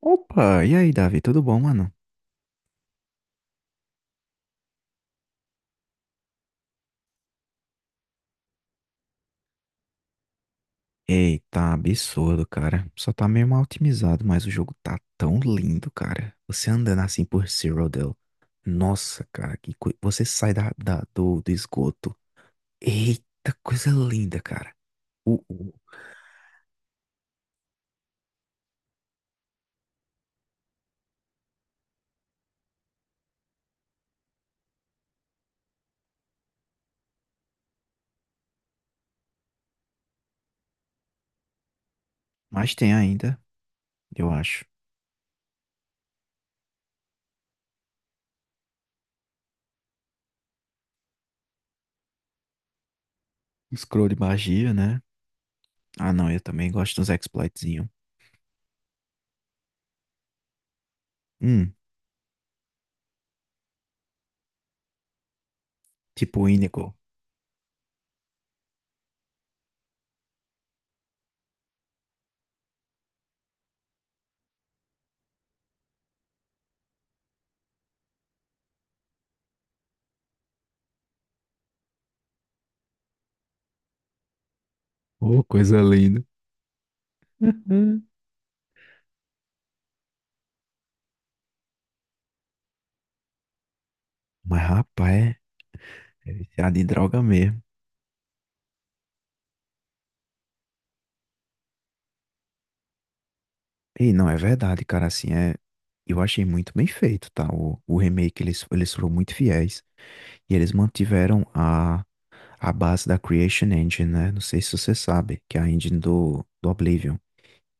Opa, e aí, Davi? Tudo bom, mano? Eita, absurdo, cara. Só tá meio mal otimizado, mas o jogo tá tão lindo, cara. Você andando assim por Cyrodiil. Nossa, cara, você sai do esgoto. Eita, coisa linda, cara. O, o- Mas tem ainda, eu acho. Scroll de magia, né? Ah, não, eu também gosto dos exploitzinho. Hum, tipo o Inigo. Oh, coisa linda. Mas, rapaz, é viciado em droga mesmo. E não, é verdade, cara, assim, é... Eu achei muito bem feito, tá? O remake, eles foram muito fiéis e eles mantiveram a base da Creation Engine, né? Não sei se você sabe, que é a engine do Oblivion.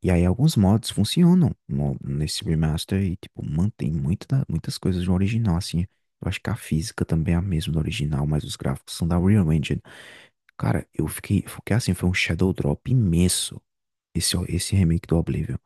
E aí alguns mods funcionam nesse remaster e, tipo, mantém muito muitas coisas do original, assim. Eu acho que a física também é a mesma do original, mas os gráficos são da Unreal Engine. Cara, eu fiquei assim, foi um shadow drop imenso esse remake do Oblivion.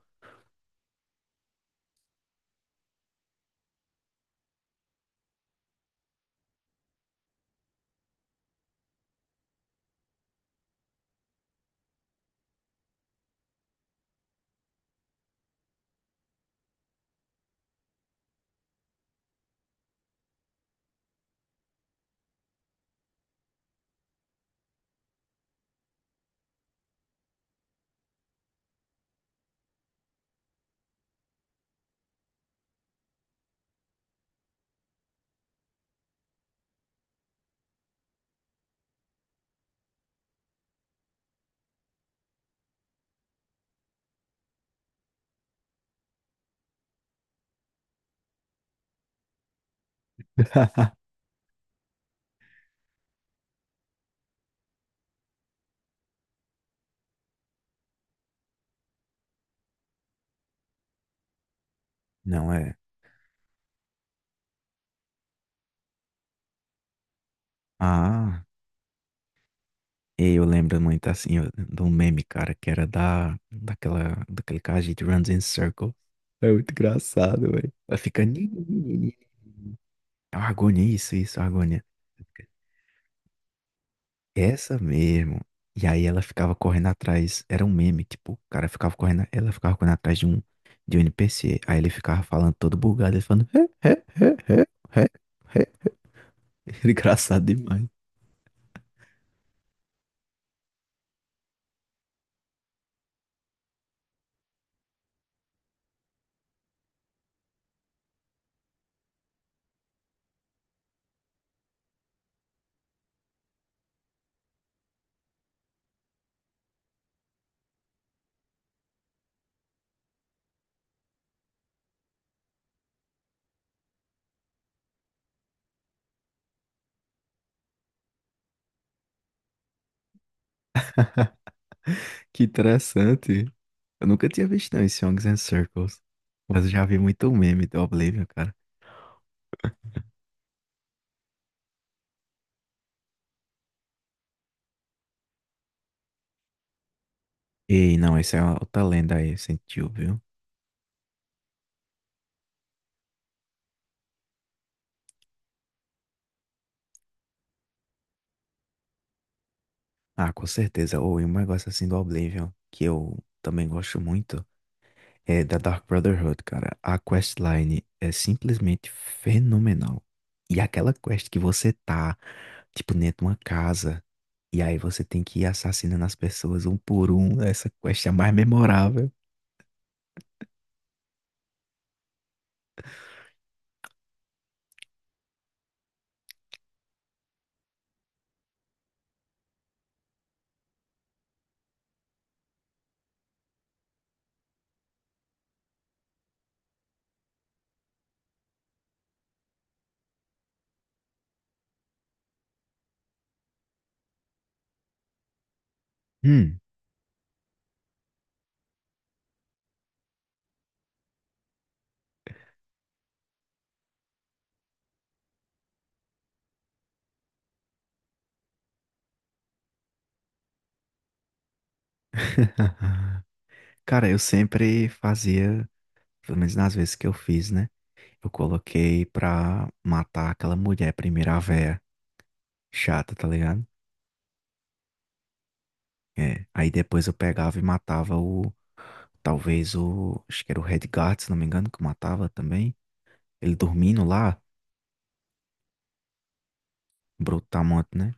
Não é... Ah... E eu lembro muito assim ó, de um meme, cara, que era da daquele cara, a gente runs in circle. É muito engraçado, velho. Vai ficando. "Nhi, nhi, nhi, nhi, nhi". Argonia, isso, Argonia. Essa mesmo. E aí ela ficava correndo atrás. Era um meme, tipo, o cara ficava correndo, ela ficava correndo atrás de um NPC. Aí ele ficava falando todo bugado, ele falando. "Hé, hé, hé, hé, hé, hé". Engraçado demais. Que interessante. Eu nunca tinha visto, não, esse Songs and Circles. Mas eu já vi muito meme do Oblivion, cara. Ei, não, isso é uma outra lenda aí, sentiu, viu? Ah, com certeza. Ou e um negócio assim do Oblivion, que eu também gosto muito, é da Dark Brotherhood, cara. A questline é simplesmente fenomenal. E aquela quest que você tá, tipo, dentro de uma casa, e aí você tem que ir assassinando as pessoas um por um. Essa quest é a mais memorável. Hum. Cara, eu sempre fazia, pelo menos nas vezes que eu fiz, né? Eu coloquei pra matar aquela mulher primeiro, a véia chata, tá ligado? É. Aí depois eu pegava e matava o. Talvez o. Acho que era o Redguard, se não me engano, que eu matava também. Ele dormindo lá, brutamonte, né?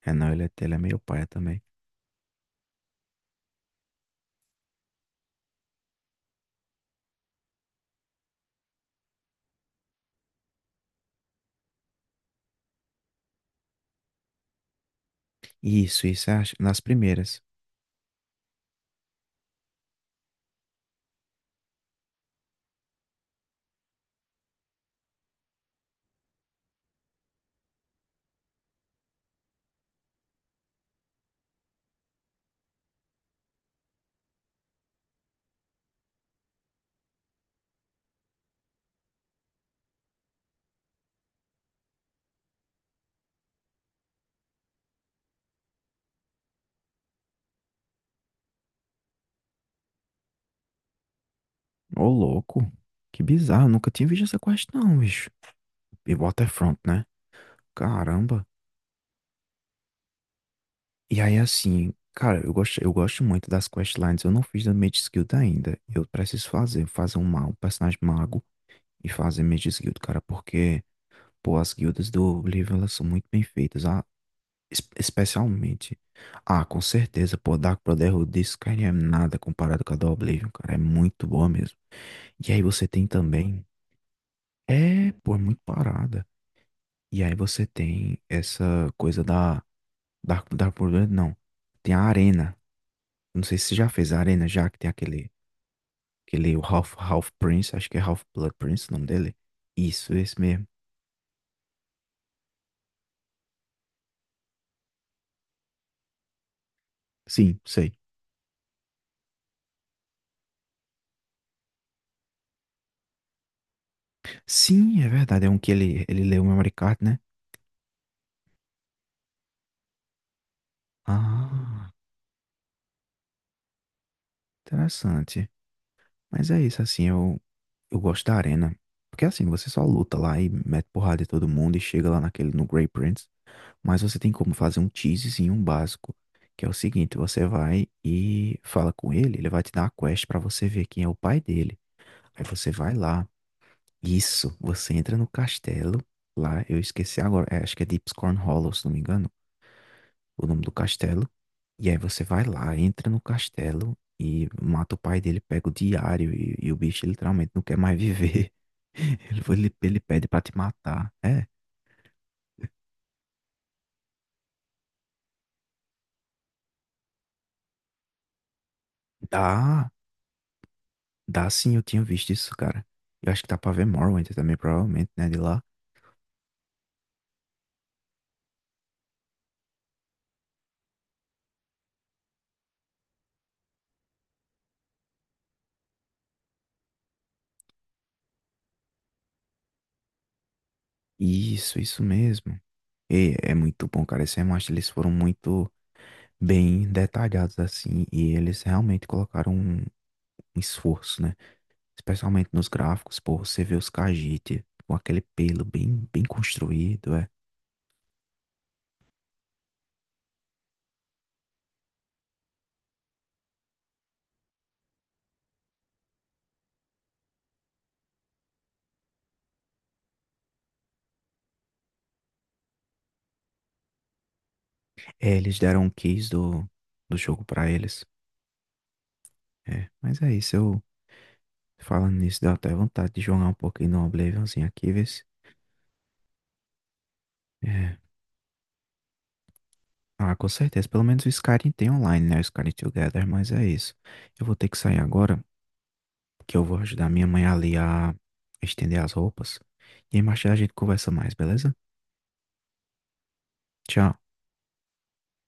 É, não, ele é meio paia também. Isso é nas primeiras. Ô, louco. Que bizarro, eu nunca tinha visto essa quest, não, bicho. E Waterfront, né? Caramba. E aí, assim, cara, eu gosto muito das questlines. Eu não fiz da Mage Guild ainda. Eu preciso fazer um, um personagem mago e fazer Mage Guild, cara, porque, pô, as guildas do Oblivion, elas são muito bem feitas. Ah, especialmente. Ah, com certeza, pô, Dark Brotherhood de Skyrim é nada comparado com a do Oblivion, cara. É muito boa mesmo. E aí você tem também. É, pô, é muito parada. E aí você tem essa coisa da. Dark Brotherhood, não. Tem a arena. Não sei se você já fez a Arena, já que tem aquele o Half Prince, acho que é Half Blood Prince o nome dele. Isso, esse mesmo. Sim, sei. Sim, é verdade, é um que ele leu o memory card, né? Ah, interessante. Mas é isso, assim, eu gosto da Arena. Porque assim, você só luta lá e mete porrada em todo mundo e chega lá naquele, no Grey Prince. Mas você tem como fazer um teasezinho, um básico. Que é o seguinte, você vai e fala com ele, ele vai te dar uma quest pra você ver quem é o pai dele. Aí você vai lá, isso, você entra no castelo, lá, eu esqueci agora, é, acho que é Deepscorn Hollow, se não me engano, o nome do castelo. E aí você vai lá, entra no castelo e mata o pai dele, pega o diário e o bicho literalmente não quer mais viver. Ele pede pra te matar. É, dá, dá sim, eu tinha visto isso, cara. Eu acho que dá pra ver Morrowind também, provavelmente, né, de lá. Isso mesmo. E é muito bom, cara, esse remaster, eles foram muito bem detalhados assim, e eles realmente colocaram um um esforço, né? Especialmente nos gráficos, pô, você vê os Khajiit com aquele pelo bem, bem construído, é. É, eles deram um keys do jogo pra eles. É, mas é isso, eu falando nisso, deu até vontade de jogar um pouquinho no Oblivionzinho aqui, vê se- É. Ah, com certeza, pelo menos o Skyrim tem online, né? O Skyrim Together, mas é isso. Eu vou ter que sair agora, que eu vou ajudar minha mãe ali a estender as roupas. E aí mais tarde a gente conversa mais, beleza? Tchau.